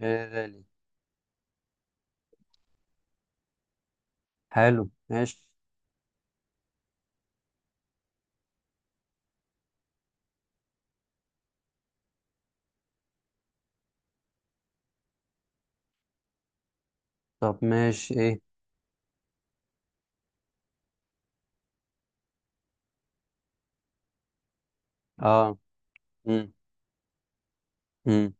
غالي. حلو، ماشي. طب ماشي ايه؟ اه، امم امم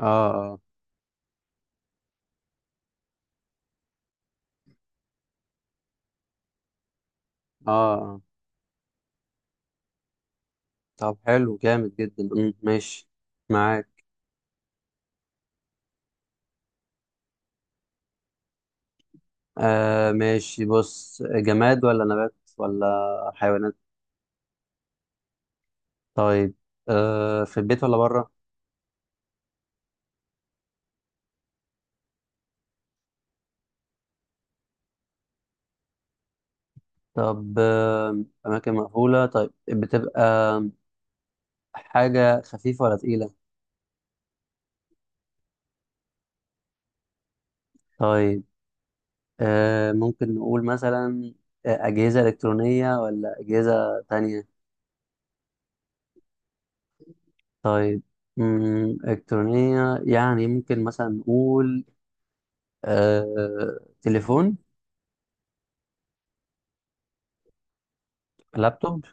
اه اه اه اه. طب حلو، جامد جدا، ماشي، معاك. ماشي، بص، جماد ولا نبات ولا حيوانات؟ طيب، في البيت ولا بره؟ طب اماكن مقفولة، طيب، بتبقى حاجة خفيفة ولا تقيلة؟ طيب، ممكن نقول مثلا أجهزة إلكترونية ولا أجهزة تانية؟ طيب. إلكترونية، يعني ممكن مثلا نقول تليفون، لابتوب،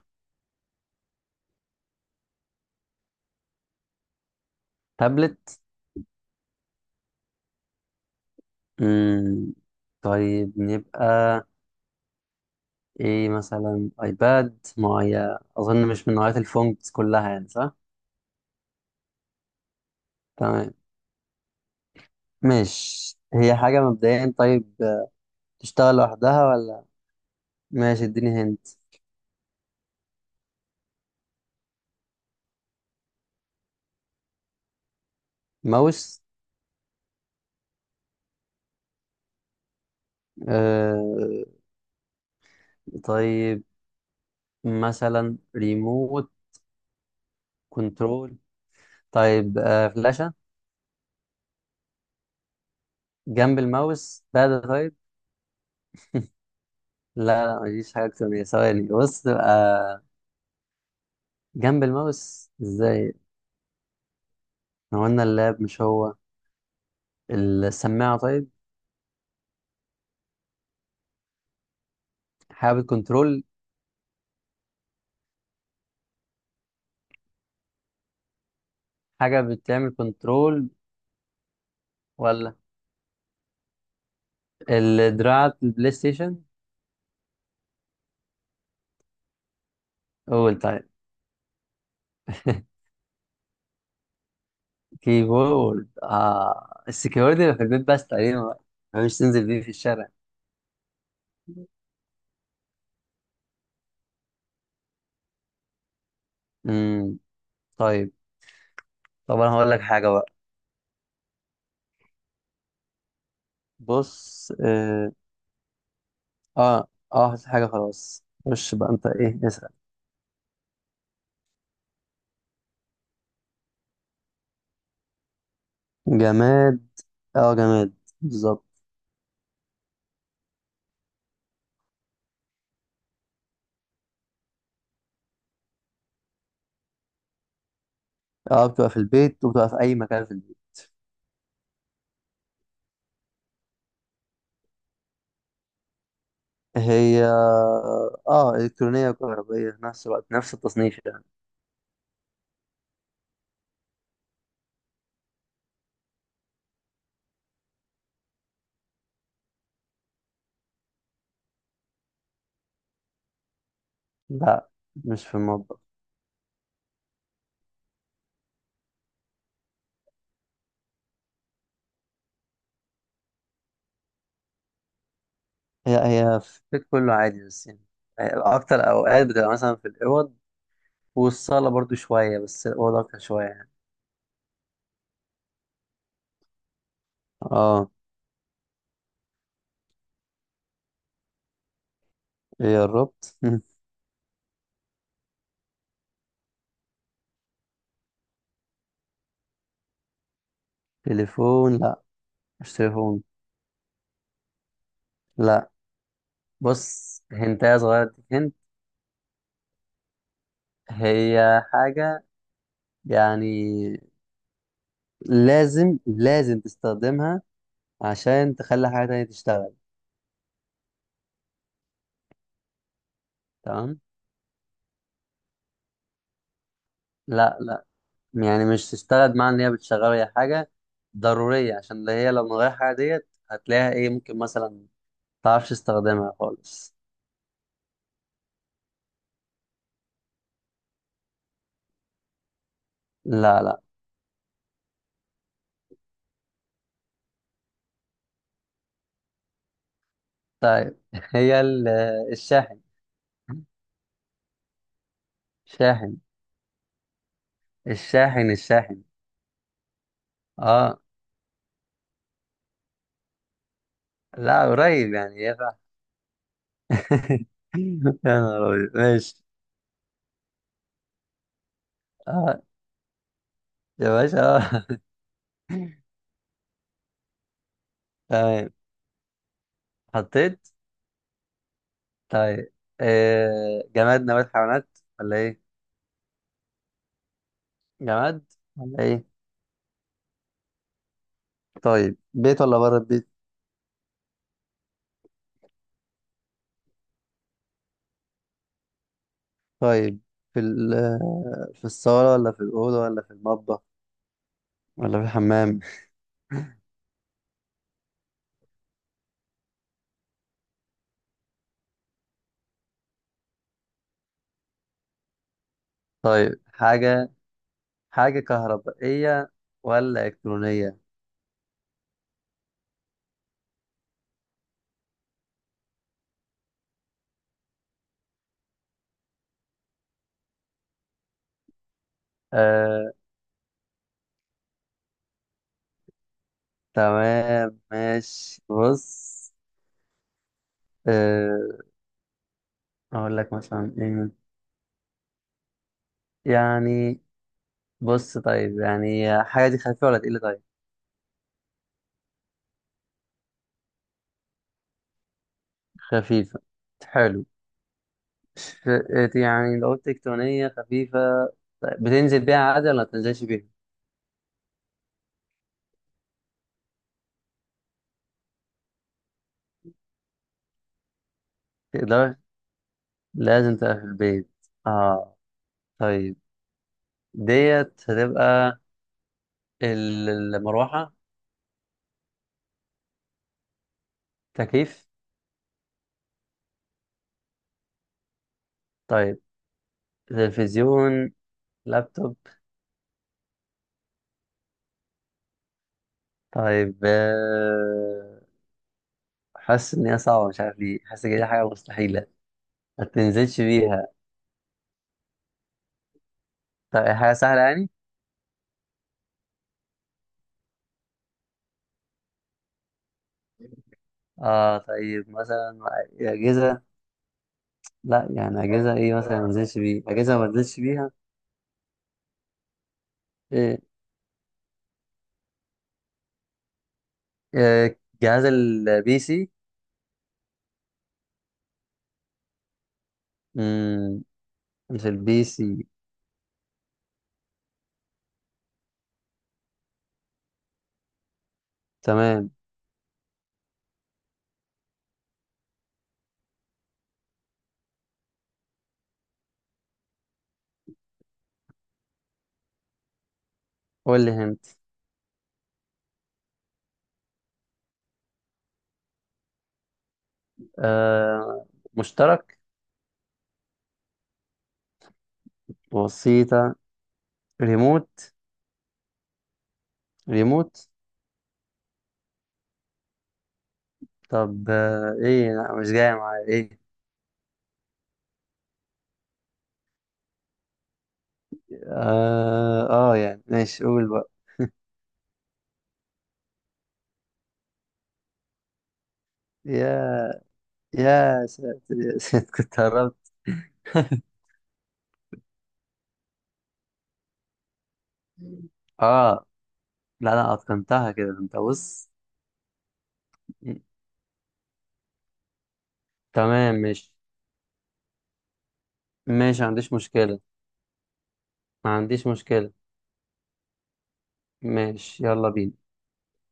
تابلت. مم، طيب، نبقى إيه؟ مثلا أيباد، ما هي أظن مش من نوعية الفونتس كلها، يعني صح؟ تمام، ماشي، هي حاجة مبدئيا. طيب، تشتغل لوحدها ولا؟ ماشي، اديني هنت. ماوس؟ آه، طيب، مثلا ريموت، كنترول. طيب، فلاشة؟ جنب الماوس؟ بعد، طيب. لا لا، مفيش حاجة أكتر من كده. ثواني، بص، تبقى جنب الماوس إزاي؟ ما هو قلنا اللاب مش هو. السماعة؟ طيب. حاجة بتكنترول، حاجة بتعمل كنترول، ولا الدراع البلاي ستيشن؟ قول، طيب. كيبورد؟ السكيورتي اللي في البيت، بس تقريبا بقى مش تنزل بيه في الشارع. امم طيب. طب أنا هقول لك حاجة بقى، بص. اه اه، حاجة، خلاص. خش بقى أنت، إيه، اسأل. جماد. اه، جماد بالظبط. اه، بتبقى في البيت، وبتبقى في اي مكان في البيت. هي، اه، الكترونيه وكهربائيه في نفس الوقت، نفس التصنيف يعني. لا، مش في المطبخ. هي هي في البيت كله عادي، بس يعني اكتر اوقات بتبقى مثلا في الاوض والصاله برضو شويه، بس الاوض اكتر شويه يعني. اه، ايه، قربت. تليفون؟ لا، مش تليفون. لا، بص، هنتايه صغيره اديك. هنت. هي حاجه يعني لازم لازم تستخدمها عشان تخلي حاجة تانية تشتغل. تمام. لا لا، يعني مش تشتغل، مع ان هي بتشغل. هي حاجة ضرورية، عشان ده هي لو من غير حاجة ديت هتلاقيها ايه، ممكن مثلا متعرفش تستخدمها خالص. لا لا. طيب. هي الشاحن. شاحن، الشاحن، الشاحن. اه، لا، قريب يعني، يا. يا نهار أبيض، ماشي. اه، يا باشا. تمام، حطيت. طيب، جماد، نبات، حيوانات، ولا ايه؟ جماد. ولا ايه؟ طيب، بيت ولا بره البيت؟ طيب، في ال آه، في الصالة ولا في الأوضة ولا في المطبخ ولا في الحمام؟ طيب، حاجة كهربائية ولا إلكترونية؟ آه. تمام، ماشي، بص، آه أقول لك مثلا إيه يعني. بص، طيب، يعني حاجة دي خفيفة ولا تقيلة؟ طيب، خفيفة، حلو. مش يعني لو قلت تكتونية خفيفة، طيب، بتنزل بيها عادي ولا ما بتنزلش بيها؟ تقدر؟ لازم تبقى في البيت؟ اه، طيب. ديت هتبقى ال- المروحة؟ تكييف؟ طيب، تلفزيون، لابتوب؟ طيب، حاسس ان هي صعبة، مش عارف ليه حاسس ان دي حاجة مستحيلة. ما تنزلش بيها؟ طيب، حاجة سهلة يعني. اه، طيب، مثلا أجهزة. لا، يعني أجهزة ايه مثلا ما انزلش بيها؟ أجهزة ما انزلش بيها. إيه؟ آه، جهاز PC. مم، مش PC. تمام، قول لي هنت. آه مشترك؟ بسيطة. ريموت، ريموت. طب ايه، لا، مش جاي معايا ايه. اه، يعني ماشي، قول بقى. يا يا ساتر، يا ساتر، كنت قربت. اه لا لا، اتقنتها كده، انت بص. تمام، ماشي، ماشي، ما عنديش مشكلة، ما عنديش مشكلة. ماشي، يلا بينا.